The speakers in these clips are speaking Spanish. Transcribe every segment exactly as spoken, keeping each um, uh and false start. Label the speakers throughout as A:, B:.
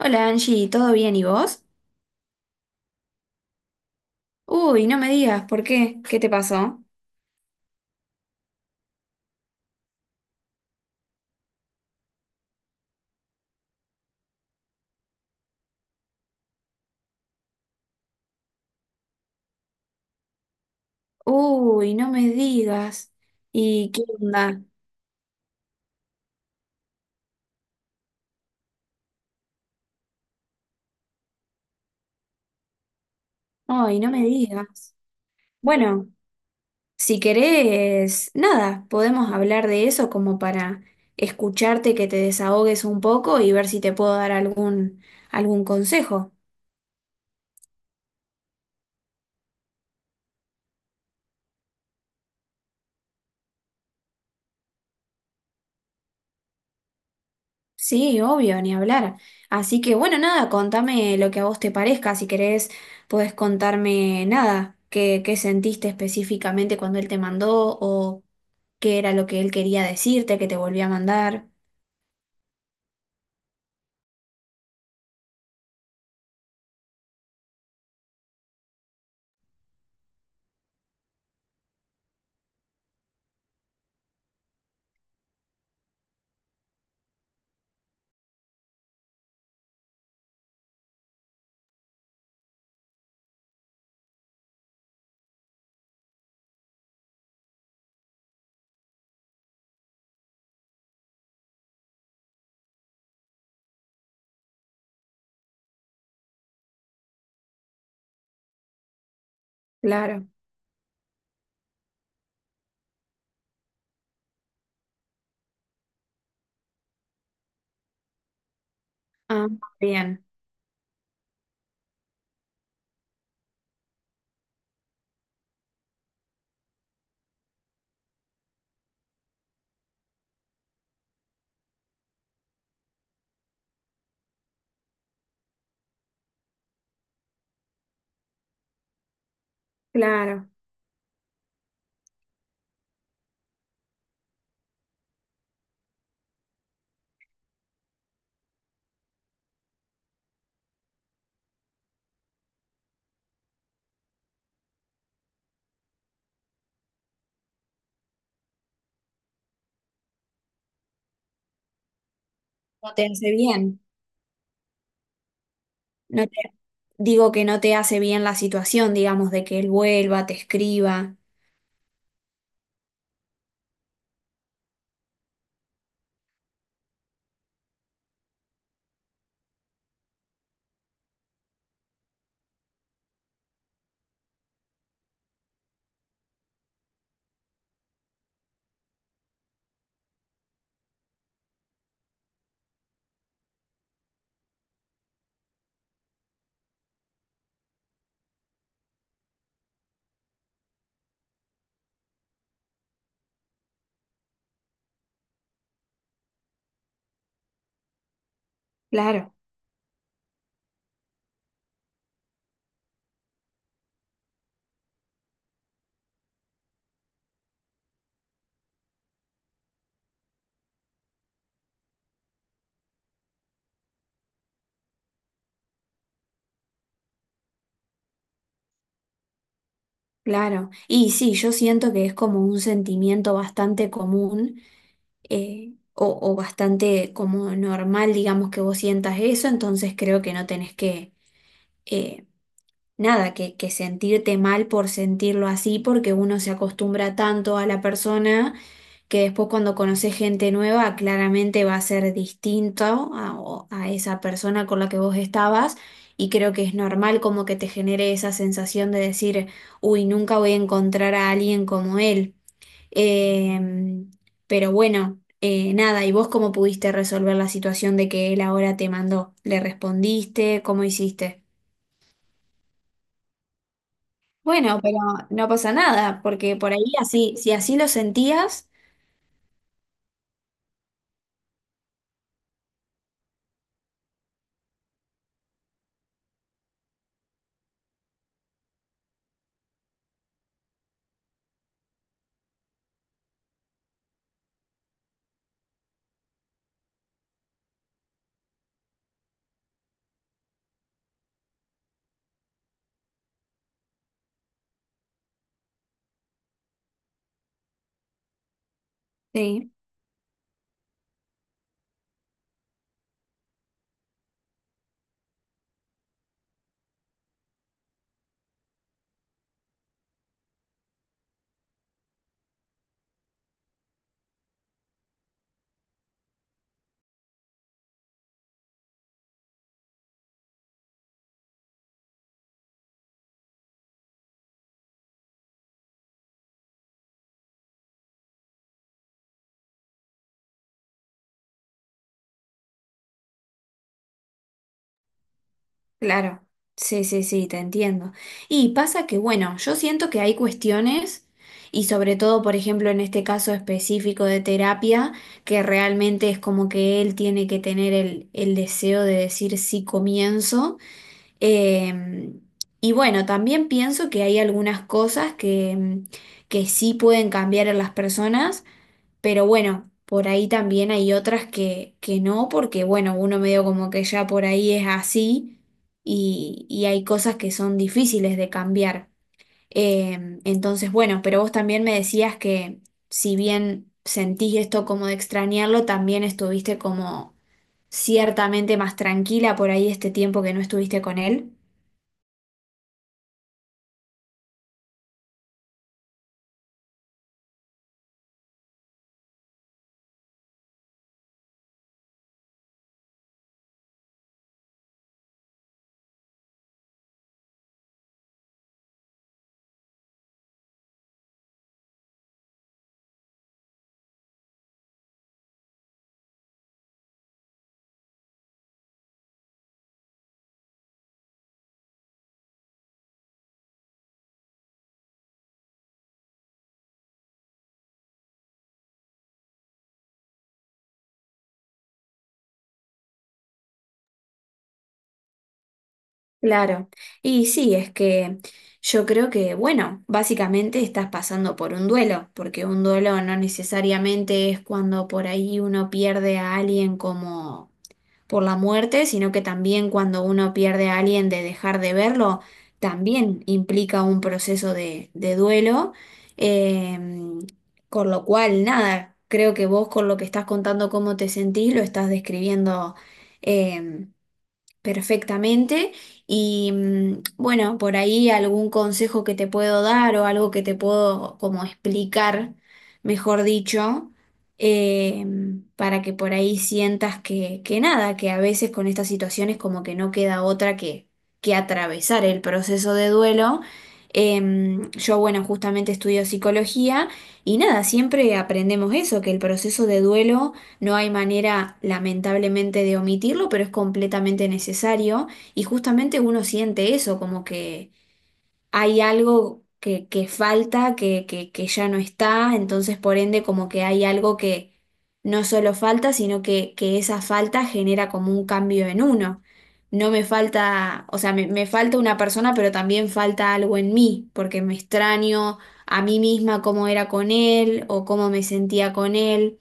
A: Hola Angie, ¿todo bien y vos? Uy, no me digas, ¿por qué? ¿Qué te pasó? Uy, no me digas. ¿Y qué onda? Ay, no me digas. Bueno, si querés, nada, podemos hablar de eso como para escucharte, que te desahogues un poco y ver si te puedo dar algún, algún consejo. Sí, obvio, ni hablar. Así que bueno, nada, contame lo que a vos te parezca. Si querés, podés contarme nada, qué, qué sentiste específicamente cuando él te mandó o qué era lo que él quería decirte, que te volvió a mandar. Claro. Ah, bien, claro. No te hace bien. No te... Digo que no te hace bien la situación, digamos, de que él vuelva, te escriba. Claro, claro. Y sí, yo siento que es como un sentimiento bastante común, eh, o, o bastante como normal, digamos, que vos sientas eso, entonces creo que no tenés que, eh, nada, que, que sentirte mal por sentirlo así, porque uno se acostumbra tanto a la persona que después cuando conoces gente nueva, claramente va a ser distinto a, o- a esa persona con la que vos estabas. Y creo que es normal como que te genere esa sensación de decir, uy, nunca voy a encontrar a alguien como él. Em, pero bueno, eh, nada, ¿y vos cómo pudiste resolver la situación de que él ahora te mandó? ¿Le respondiste? ¿Cómo hiciste? Bueno, pero no pasa nada, porque por ahí así, si así lo sentías, sí, claro, sí, sí, sí, te entiendo. Y pasa que, bueno, yo siento que hay cuestiones, y sobre todo, por ejemplo, en este caso específico de terapia, que realmente es como que él tiene que tener el, el deseo de decir sí comienzo. Eh, y bueno, también pienso que hay algunas cosas que, mm, que sí pueden cambiar en las personas, pero bueno, por ahí también hay otras que, que no, porque bueno, uno medio como que ya por ahí es así y, y hay cosas que son difíciles de cambiar. Eh, entonces, bueno, pero vos también me decías que si bien sentís esto como de extrañarlo, también estuviste como ciertamente más tranquila por ahí este tiempo que no estuviste con él. Claro, y sí, es que yo creo que, bueno, básicamente estás pasando por un duelo, porque un duelo no necesariamente es cuando por ahí uno pierde a alguien como por la muerte, sino que también cuando uno pierde a alguien de dejar de verlo, también implica un proceso de, de duelo, em, con lo cual, nada, creo que vos con lo que estás contando cómo te sentís, lo estás describiendo em, perfectamente. Y mm, bueno, por ahí algún consejo que te puedo dar o algo que te puedo como explicar, mejor dicho, eh, para que por ahí sientas que, que nada, que a veces con estas situaciones como que no queda otra que, que atravesar el proceso de duelo. Em, yo, bueno, justamente estudio psicología y nada, siempre aprendemos eso, que el proceso de duelo no hay manera, lamentablemente, de omitirlo, pero es completamente necesario. Y justamente uno siente eso, como que hay algo que, que falta, que, que, que ya no está. Entonces, por ende, como que hay algo que no solo falta, sino que, que esa falta genera como un cambio en uno. No me falta, o sea, me, me falta una persona, pero también falta algo en mí, porque me extraño a mí misma cómo era con él o cómo me sentía con él.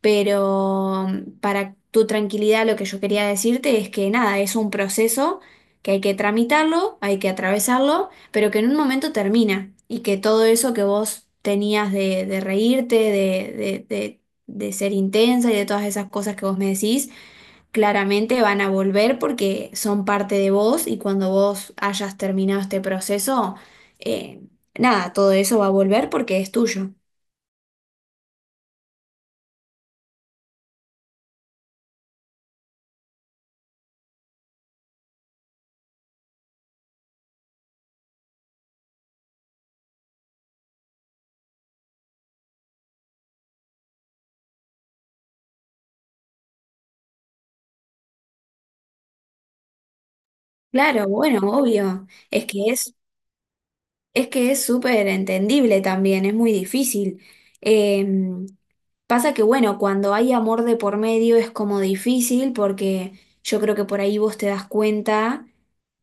A: Pero mm, para tu tranquilidad, lo que yo quería decirte es que nada, es un proceso que hay que tramitarlo, hay que atravesarlo, pero que en un momento termina y que todo eso que vos tenías de, de reírte, de, de, de, de ser intensa y de todas esas cosas que vos me decís, claramente van a volver porque son parte de vos y cuando vos hayas terminado este proceso, eh, nada, todo eso va a volver porque es tuyo. Claro, bueno, obvio, es que es... Es que es súper entendible también, es muy difícil. Em, Pasa que, bueno, cuando hay amor de por medio es como difícil porque yo creo que por ahí vos te das cuenta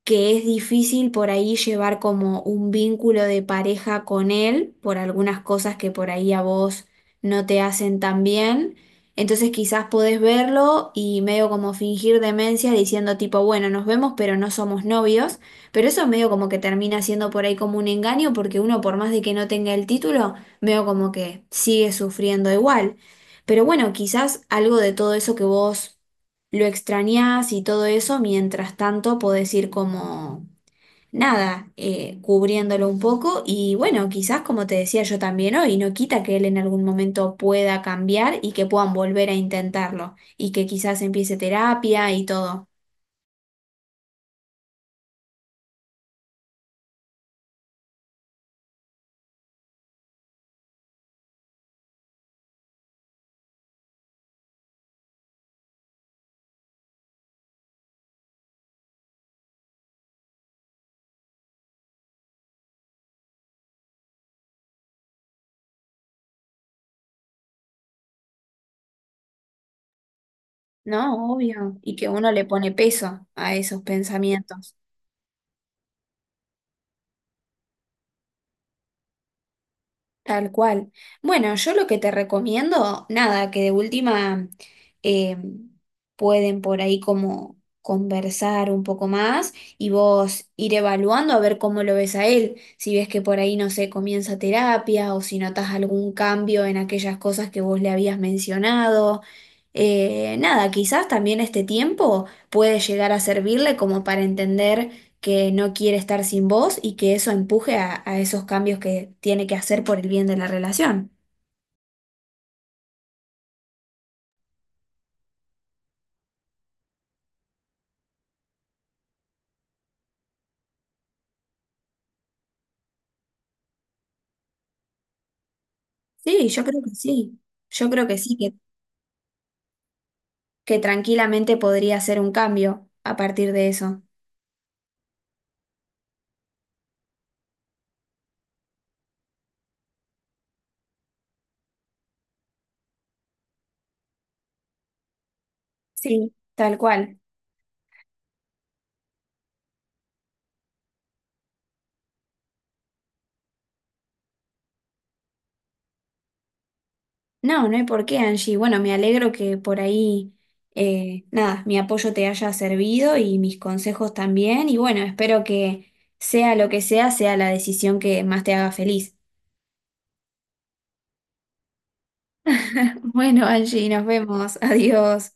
A: que es difícil por ahí llevar como un vínculo de pareja con él por algunas cosas que por ahí a vos no te hacen tan bien. Entonces quizás podés verlo y medio como fingir demencia diciendo tipo, bueno, nos vemos pero no somos novios. Pero eso medio como que termina siendo por ahí como un engaño, porque uno por más de que no tenga el título, veo como que sigue sufriendo igual. Pero bueno, quizás algo de todo eso que vos lo extrañás y todo eso, mientras tanto podés ir como nada, eh, cubriéndolo un poco. Y bueno, quizás como te decía yo también hoy, no quita que él en algún momento pueda cambiar y que puedan volver a intentarlo y que quizás empiece terapia y todo. No, obvio. Y que uno le pone peso a esos pensamientos. Tal cual. Bueno, yo lo que te recomiendo, nada, que de última eh, pueden por ahí como conversar un poco más y vos ir evaluando a ver cómo lo ves a él. Si ves que por ahí, no sé, comienza terapia o si notas algún cambio en aquellas cosas que vos le habías mencionado. Eh, nada, quizás también este tiempo puede llegar a servirle como para entender que no quiere estar sin vos y que eso empuje a, a esos cambios que tiene que hacer por el bien de la relación. Sí, yo creo que sí. Yo creo que sí, que, que tranquilamente podría hacer un cambio a partir de eso. Sí, tal cual. No, no hay por qué, Angie. Bueno, me alegro que por ahí, eh, nada, mi apoyo te haya servido y mis consejos también. Y bueno, espero que sea lo que sea, sea la decisión que más te haga feliz. Bueno, Angie, nos vemos. Adiós.